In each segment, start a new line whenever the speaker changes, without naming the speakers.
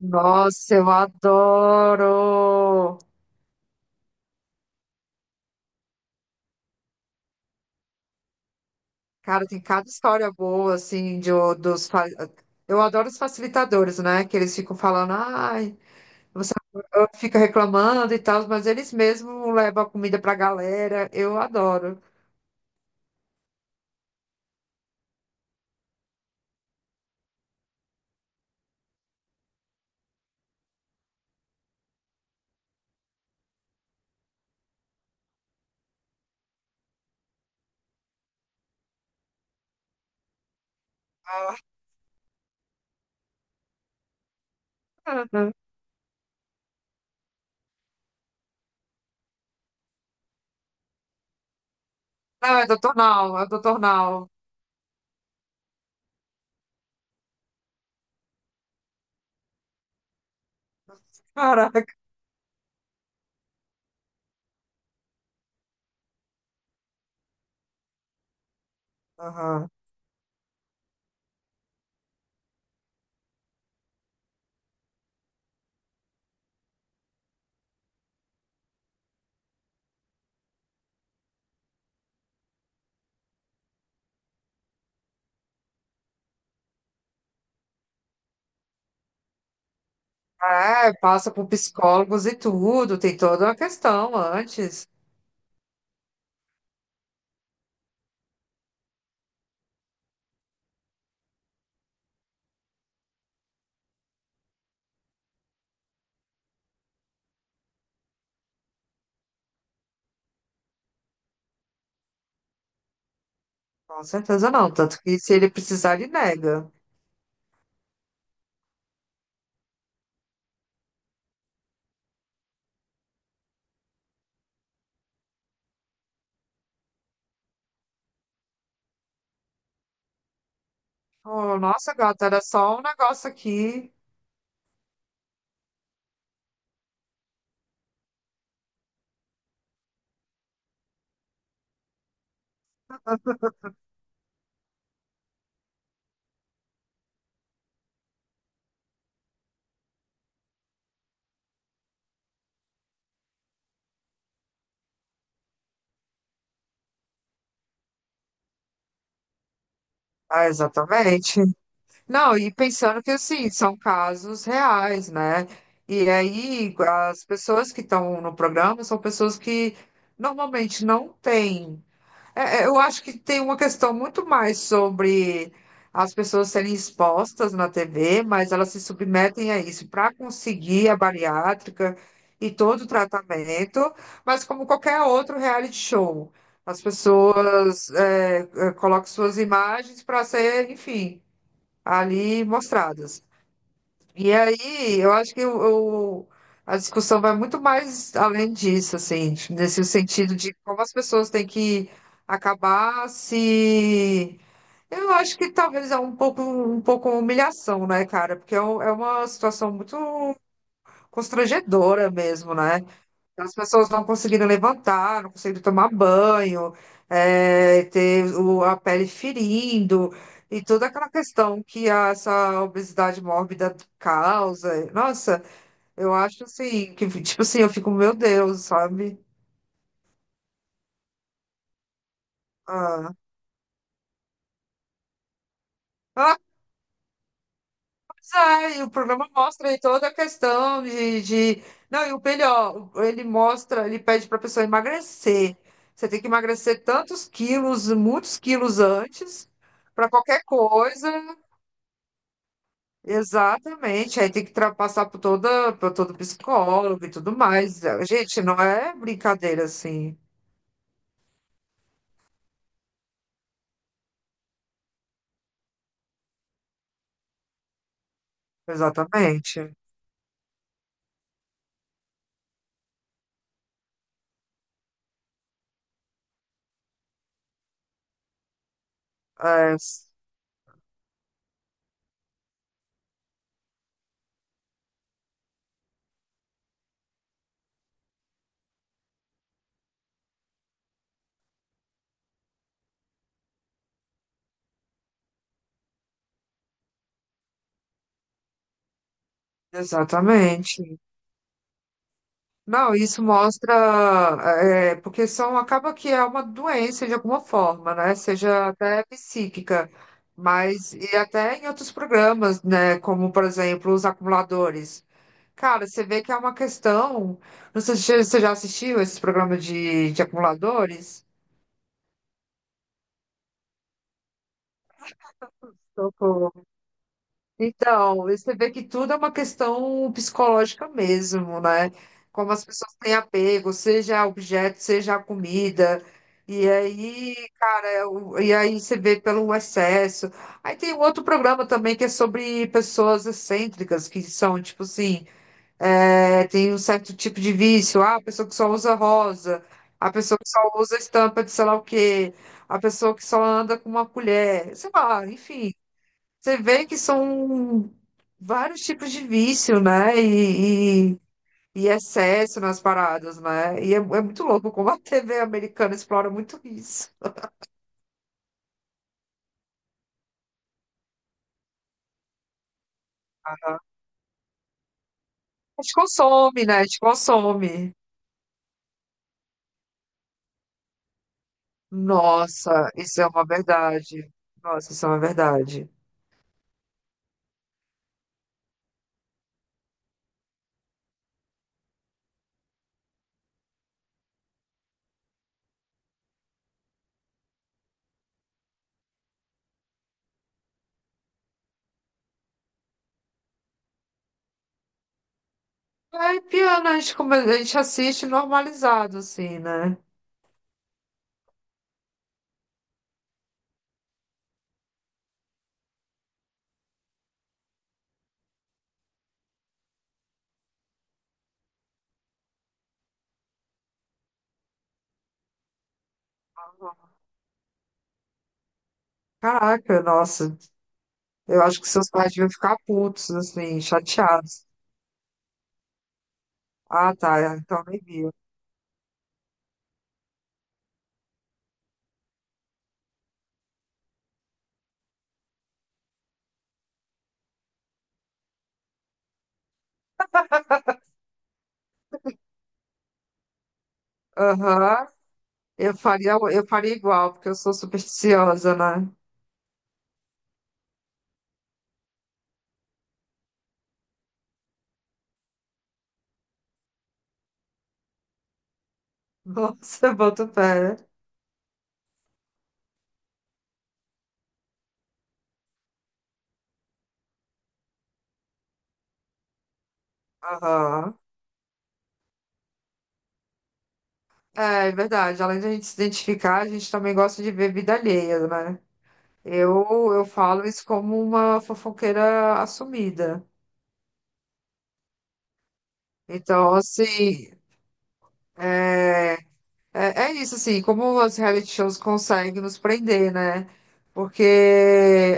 Nossa, eu adoro! Cara, tem cada história boa, assim, de, o- dos. Fa- eu adoro os facilitadores, né? Que eles ficam falando, ai, você fica reclamando e tal, mas eles mesmos levam a comida pra galera. Eu adoro. Ah. Não, é doutor Nal, é doutor Nal. Caraca. Aham. É, passa por psicólogos e tudo, tem toda uma questão antes. Com certeza não, tanto que se ele precisar, ele nega. Oh, nossa, gata, era só um negócio aqui. Ah, exatamente. Não, e pensando que assim, são casos reais, né? E aí, as pessoas que estão no programa são pessoas que normalmente não têm. É, é, eu acho que tem uma questão muito mais sobre as pessoas serem expostas na TV, mas elas se submetem a isso para conseguir a bariátrica e todo o tratamento, mas como qualquer outro reality show, as pessoas colocam suas imagens para ser, enfim, ali mostradas. E aí, eu acho que a discussão vai muito mais além disso, assim, nesse sentido de como as pessoas têm que acabar se. Eu acho que talvez é um pouco humilhação, né, cara? Porque é uma situação muito constrangedora mesmo, né? Então, as pessoas não conseguindo levantar, não conseguindo tomar banho, é, ter a pele ferindo, e toda aquela questão que essa obesidade mórbida causa. Nossa, eu acho assim, que tipo assim, eu fico, meu Deus, sabe? Ah. Ah, pois é, e o programa mostra aí toda a questão de. Não, e o melhor, ele mostra, ele pede para a pessoa emagrecer. Você tem que emagrecer tantos quilos, muitos quilos antes, para qualquer coisa. Exatamente, aí tem que passar por toda, por todo psicólogo e tudo mais. Gente, não é brincadeira assim. Exatamente. É, s- exatamente. Não, isso mostra, é, porque são, acaba que é uma doença de alguma forma, né? Seja até psíquica, mas e até em outros programas, né? Como, por exemplo, os acumuladores. Cara, você vê que é uma questão. Não sei se você já assistiu esses programas de acumuladores. Socorro. Então, você vê que tudo é uma questão psicológica mesmo, né? Como as pessoas têm apego, seja a objeto, seja a comida. E aí, cara, é e aí você vê pelo excesso. Aí tem um outro programa também que é sobre pessoas excêntricas, que são, tipo assim, é, tem um certo tipo de vício. Ah, a pessoa que só usa rosa, a pessoa que só usa estampa de sei lá o quê, a pessoa que só anda com uma colher, sei lá, enfim. Você vê que são vários tipos de vício, né? E excesso nas paradas, né? E é muito louco como a TV americana explora muito isso. Aham. A gente consome, né? A gente consome. Nossa, isso é uma verdade. Nossa, isso é uma verdade. É, piano, a gente assiste normalizado, assim, né? Caraca, nossa. Eu acho que seus pais deviam ficar putos, assim, chateados. Ah, tá. Então nem viu. Aham. Eu faria igual, porque eu sou supersticiosa, né? Nossa, eu boto fé. Aham. É, é verdade. Além de a gente se identificar, a gente também gosta de ver vida alheia, né? Eu falo isso como uma fofoqueira assumida. Então, assim, é. É, é isso, assim, como os reality shows conseguem nos prender, né? Porque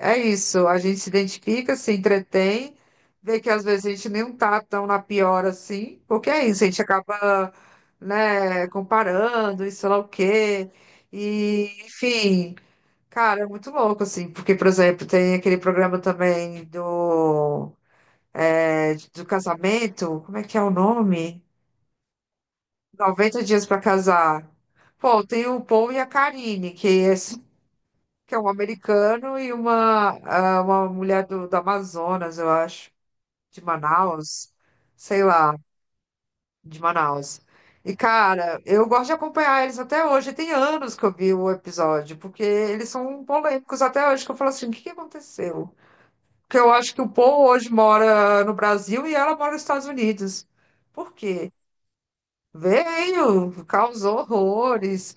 é isso, a gente se identifica, se entretém, vê que às vezes a gente nem tá tão na pior assim, porque é isso, a gente acaba, né, comparando, e sei lá o quê, e enfim, cara, é muito louco, assim, porque, por exemplo, tem aquele programa também do, é, do casamento, como é que é o nome? 90 dias pra casar. Pô, tem o Paul e a Karine, que é um americano e uma, ah, uma mulher do Amazonas, eu acho, de Manaus, sei lá, de Manaus. E, cara, eu gosto de acompanhar eles até hoje. Tem anos que eu vi o episódio, porque eles são polêmicos até hoje, que eu falo assim, o que que aconteceu? Porque eu acho que o Paul hoje mora no Brasil e ela mora nos Estados Unidos. Por quê? Veio, causou horrores.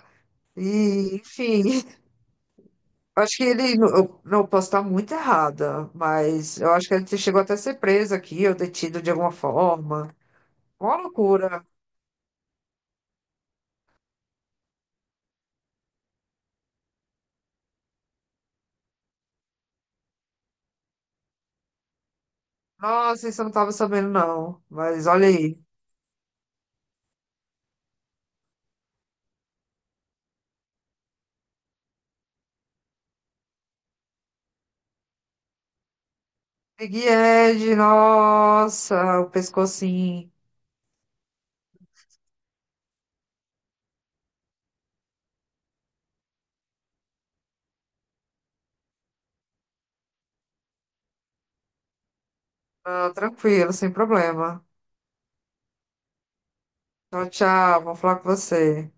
E, enfim, acho que ele. Eu, não, eu posso estar muito errada, mas eu acho que ele chegou até a ser preso aqui, ou detido de alguma forma. Uma loucura. Nossa, isso eu não estava sabendo, não. Mas olha aí. Big Ed, nossa, o pescocinho. Ah, tranquilo, sem problema. Tchau, tchau. Vou falar com você.